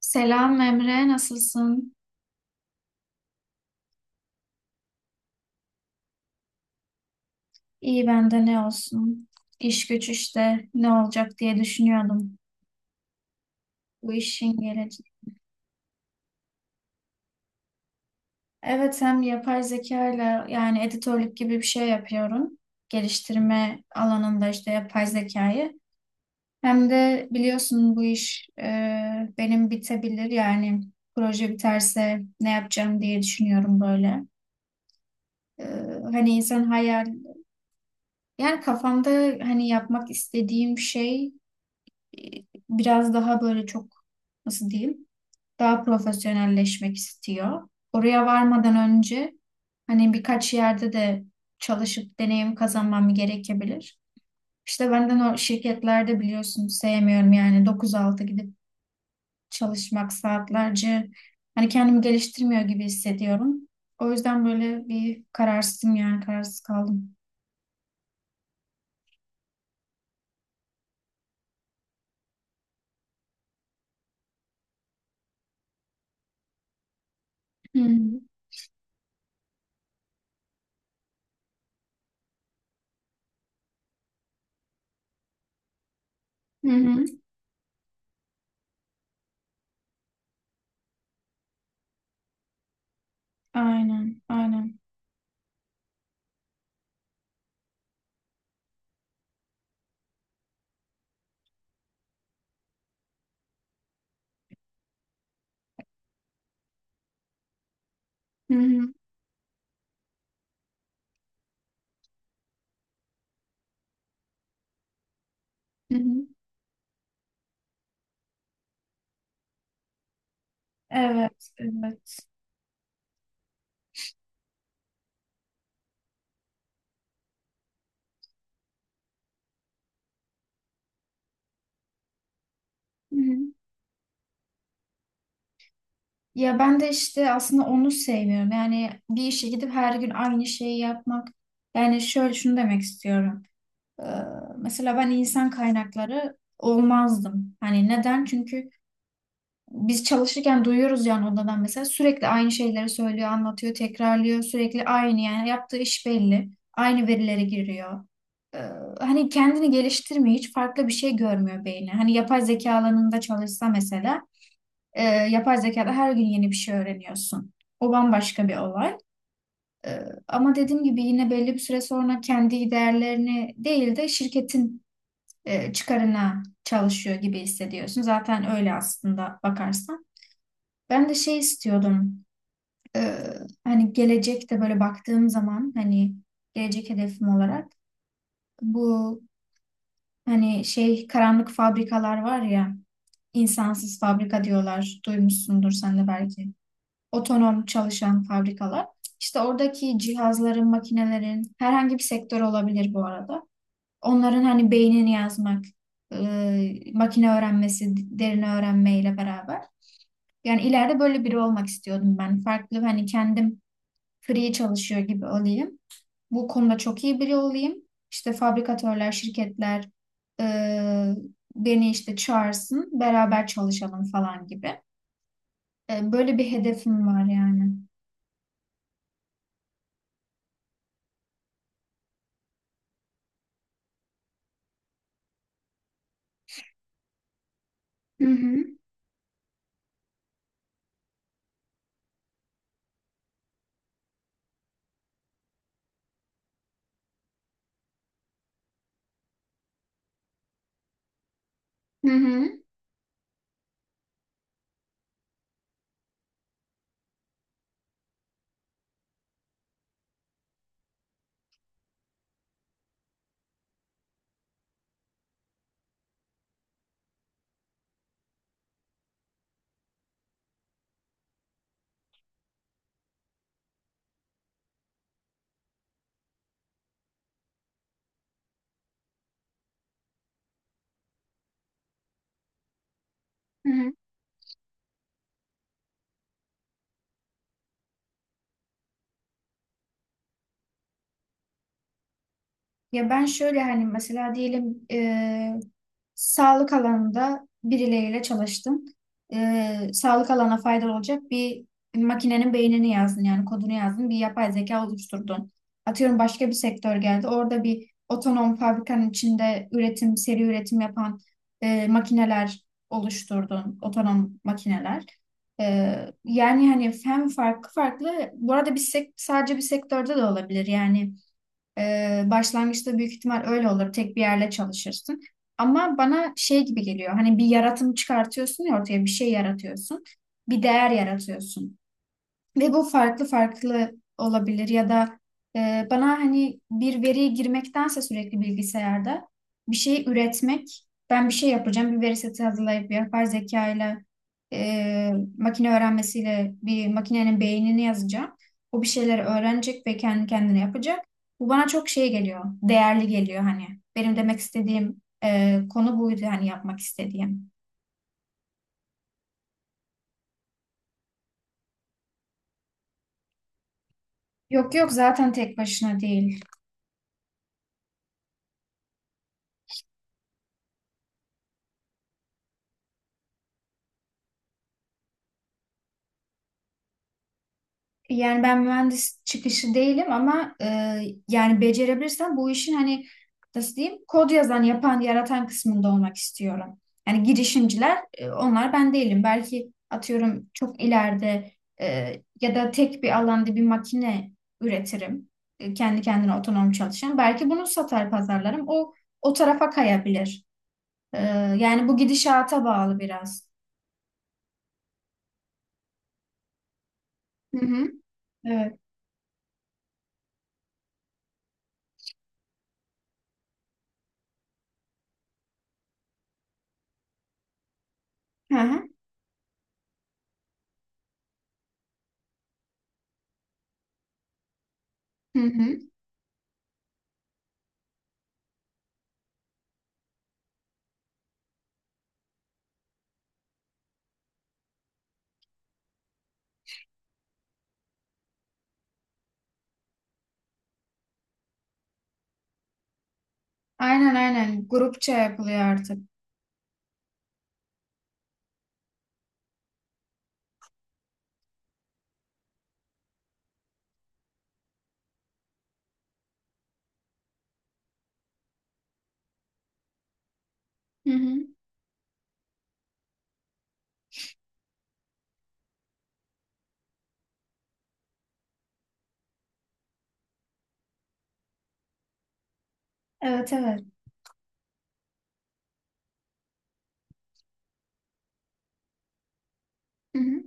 Selam Emre, nasılsın? İyi ben de ne olsun? İş güç işte ne olacak diye düşünüyordum. Bu işin geleceği. Evet hem yapay zeka ile yani editörlük gibi bir şey yapıyorum. Geliştirme alanında işte yapay zekayı. Hem de biliyorsun bu iş benim bitebilir yani proje biterse ne yapacağım diye düşünüyorum böyle. E, Hani insan hayal yani kafamda hani yapmak istediğim şey. Biraz daha böyle çok nasıl diyeyim daha profesyonelleşmek istiyor. Oraya varmadan önce hani birkaç yerde de çalışıp deneyim kazanmam gerekebilir. İşte benden o şirketlerde biliyorsunuz sevmiyorum yani 9-6 gidip çalışmak saatlerce hani kendimi geliştirmiyor gibi hissediyorum. O yüzden böyle bir kararsızım yani kararsız kaldım. Hı hı. Hı hı. Aynen, aynen. Hı hı. Hı hı. Evet, evet. Hı hı. Ya ben de işte aslında onu sevmiyorum. Yani bir işe gidip her gün aynı şeyi yapmak. Yani şöyle şunu demek istiyorum. Ee, Mesela ben insan kaynakları olmazdım. Hani neden? Çünkü biz çalışırken duyuyoruz yani odadan mesela sürekli aynı şeyleri söylüyor, anlatıyor, tekrarlıyor. Sürekli aynı yani yaptığı iş belli. Aynı verilere giriyor. Ee, Hani kendini geliştirmiyor, hiç farklı bir şey görmüyor beyni. Hani yapay zeka alanında çalışsa mesela yapay zekada her gün yeni bir şey öğreniyorsun. O bambaşka bir olay. E, Ama dediğim gibi yine belli bir süre sonra kendi değerlerini değil de şirketin çıkarına çalışıyor gibi hissediyorsun. Zaten öyle aslında bakarsan. Ben de şey istiyordum. E, Hani gelecekte böyle baktığım zaman hani gelecek hedefim olarak bu hani şey karanlık fabrikalar var ya, insansız fabrika diyorlar. Duymuşsundur sen de belki. Otonom çalışan fabrikalar. İşte oradaki cihazların, makinelerin herhangi bir sektör olabilir bu arada. Onların hani beynini yazmak, e, makine öğrenmesi, derin öğrenmeyle beraber. Yani ileride böyle biri olmak istiyordum ben. Farklı hani kendim free çalışıyor gibi olayım. Bu konuda çok iyi biri olayım. İşte fabrikatörler, şirketler e, beni işte çağırsın, beraber çalışalım falan gibi. Böyle bir hedefim var yani. Hı hı. Hı hı. Hı hı. Ya ben şöyle hani mesela diyelim sağlık alanında birileriyle çalıştın. Sağlık alana faydalı olacak bir makinenin beynini yazdın yani kodunu yazdın bir yapay zeka oluşturdun. Atıyorum başka bir sektör geldi orada bir otonom fabrikanın içinde üretim seri üretim yapan makineler oluşturdun otonom makineler. E, Yani hani hem farklı farklı bu arada bir sadece bir sektörde de olabilir yani. Başlangıçta büyük ihtimal öyle olur. Tek bir yerle çalışırsın. Ama bana şey gibi geliyor. Hani bir yaratım çıkartıyorsun ya, ortaya bir şey yaratıyorsun. Bir değer yaratıyorsun. Ve bu farklı farklı olabilir ya da bana hani bir veriye girmektense sürekli bilgisayarda bir şey üretmek, ben bir şey yapacağım, bir veri seti hazırlayıp yapay zekayla e, makine öğrenmesiyle bir makinenin beynini yazacağım. O bir şeyleri öğrenecek ve kendi kendine yapacak. Bu bana çok şey geliyor, değerli geliyor hani. Benim demek istediğim konu buydu hani yapmak istediğim. Yok yok, zaten tek başına değil. Yani ben mühendis çıkışı değilim ama yani becerebilirsem bu işin hani nasıl diyeyim kod yazan, yapan, yaratan kısmında olmak istiyorum. Yani girişimciler onlar ben değilim. Belki atıyorum çok ileride e, ya da tek bir alanda bir makine üretirim. Kendi kendine otonom çalışan. Belki bunu satar pazarlarım. O tarafa kayabilir. E, Yani bu gidişata bağlı biraz. Hı hı. Evet. Hı hı. Hı hı. Aynen, aynen. Grupça yapılıyor artık. Hı hı. Evet, evet. Hı hı.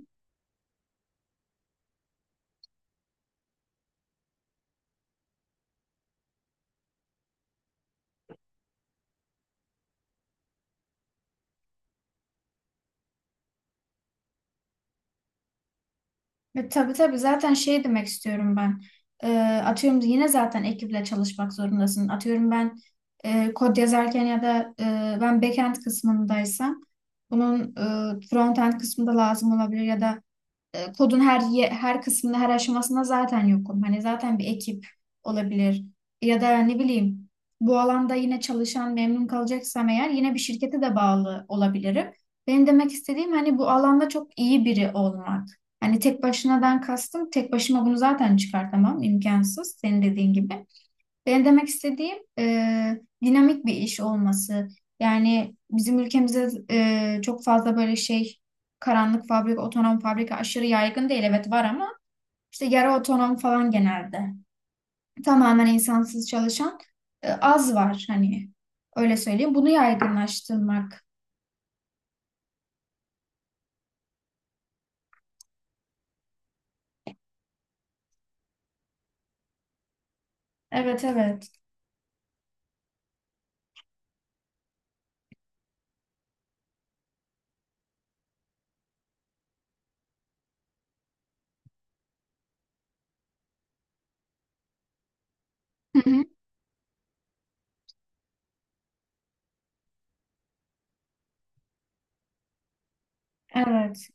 Tabii tabii, zaten şey demek istiyorum ben. E, Atıyorum yine zaten ekiple çalışmak zorundasın. Atıyorum ben kod yazarken ya da ben backend kısmındaysam bunun frontend kısmında lazım olabilir ya da kodun her kısmında her aşamasında zaten yokum. Hani zaten bir ekip olabilir ya da ne bileyim bu alanda yine çalışan memnun kalacaksam eğer yine bir şirkete de bağlı olabilirim. Benim demek istediğim hani bu alanda çok iyi biri olmak. Hani tek başınadan kastım tek başıma bunu zaten çıkartamam, imkansız senin dediğin gibi. Benim demek istediğim dinamik bir iş olması. Yani bizim ülkemizde çok fazla böyle şey karanlık fabrika, otonom fabrika aşırı yaygın değil. Evet var ama işte yarı otonom falan genelde. Tamamen insansız çalışan az var hani, öyle söyleyeyim. Bunu yaygınlaştırmak. Evet, evet. Hı hı. Evet.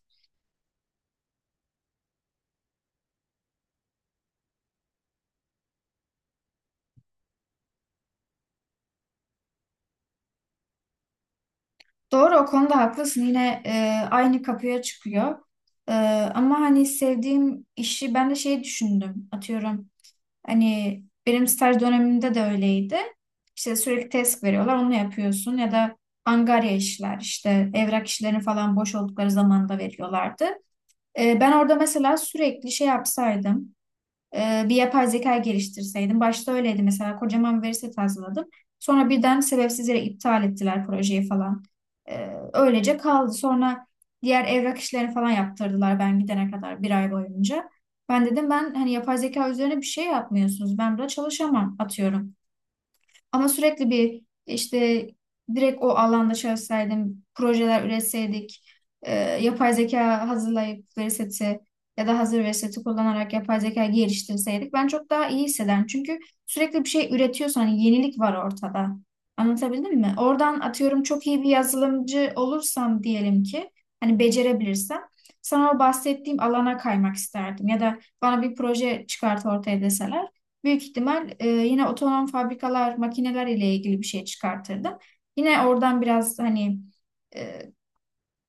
Doğru, o konuda haklısın. Yine aynı kapıya çıkıyor. E, Ama hani sevdiğim işi ben de şey düşündüm. Atıyorum. Hani benim staj dönemimde de öyleydi. İşte sürekli test veriyorlar, onu yapıyorsun ya da angarya işler, işte evrak işlerini falan boş oldukları zaman da veriyorlardı. Ben orada mesela sürekli şey yapsaydım, bir yapay zeka geliştirseydim. Başta öyleydi, mesela kocaman veri seti hazırladım. Sonra birden sebepsiz yere iptal ettiler projeyi falan. Öylece kaldı. Sonra diğer evrak işlerini falan yaptırdılar ben gidene kadar bir ay boyunca. Ben dedim ben hani yapay zeka üzerine bir şey yapmıyorsunuz. Ben burada çalışamam atıyorum. Ama sürekli bir işte direkt o alanda çalışsaydım, projeler üretseydik, yapay zeka hazırlayıp veri seti ya da hazır veri seti kullanarak yapay zeka geliştirseydik ben çok daha iyi hissederim. Çünkü sürekli bir şey üretiyorsan hani yenilik var ortada. Anlatabildim mi? Oradan atıyorum çok iyi bir yazılımcı olursam diyelim ki, hani becerebilirsem sana o bahsettiğim alana kaymak isterdim ya da bana bir proje çıkart ortaya deseler büyük ihtimal yine otonom fabrikalar, makineler ile ilgili bir şey çıkartırdım. Yine oradan biraz hani e,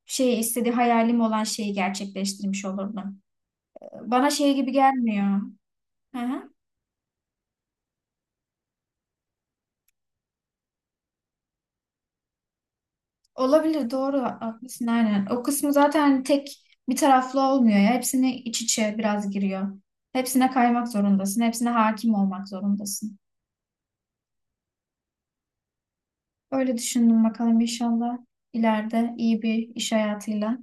şey istediği hayalim olan şeyi gerçekleştirmiş olurdum. Bana şey gibi gelmiyor. Hı hı. Olabilir, doğru haklısın aynen. O kısmı zaten hani tek bir taraflı olmuyor ya. Hepsini iç içe biraz giriyor. Hepsine kaymak zorundasın. Hepsine hakim olmak zorundasın. Öyle düşündüm, bakalım inşallah ileride iyi bir iş hayatıyla.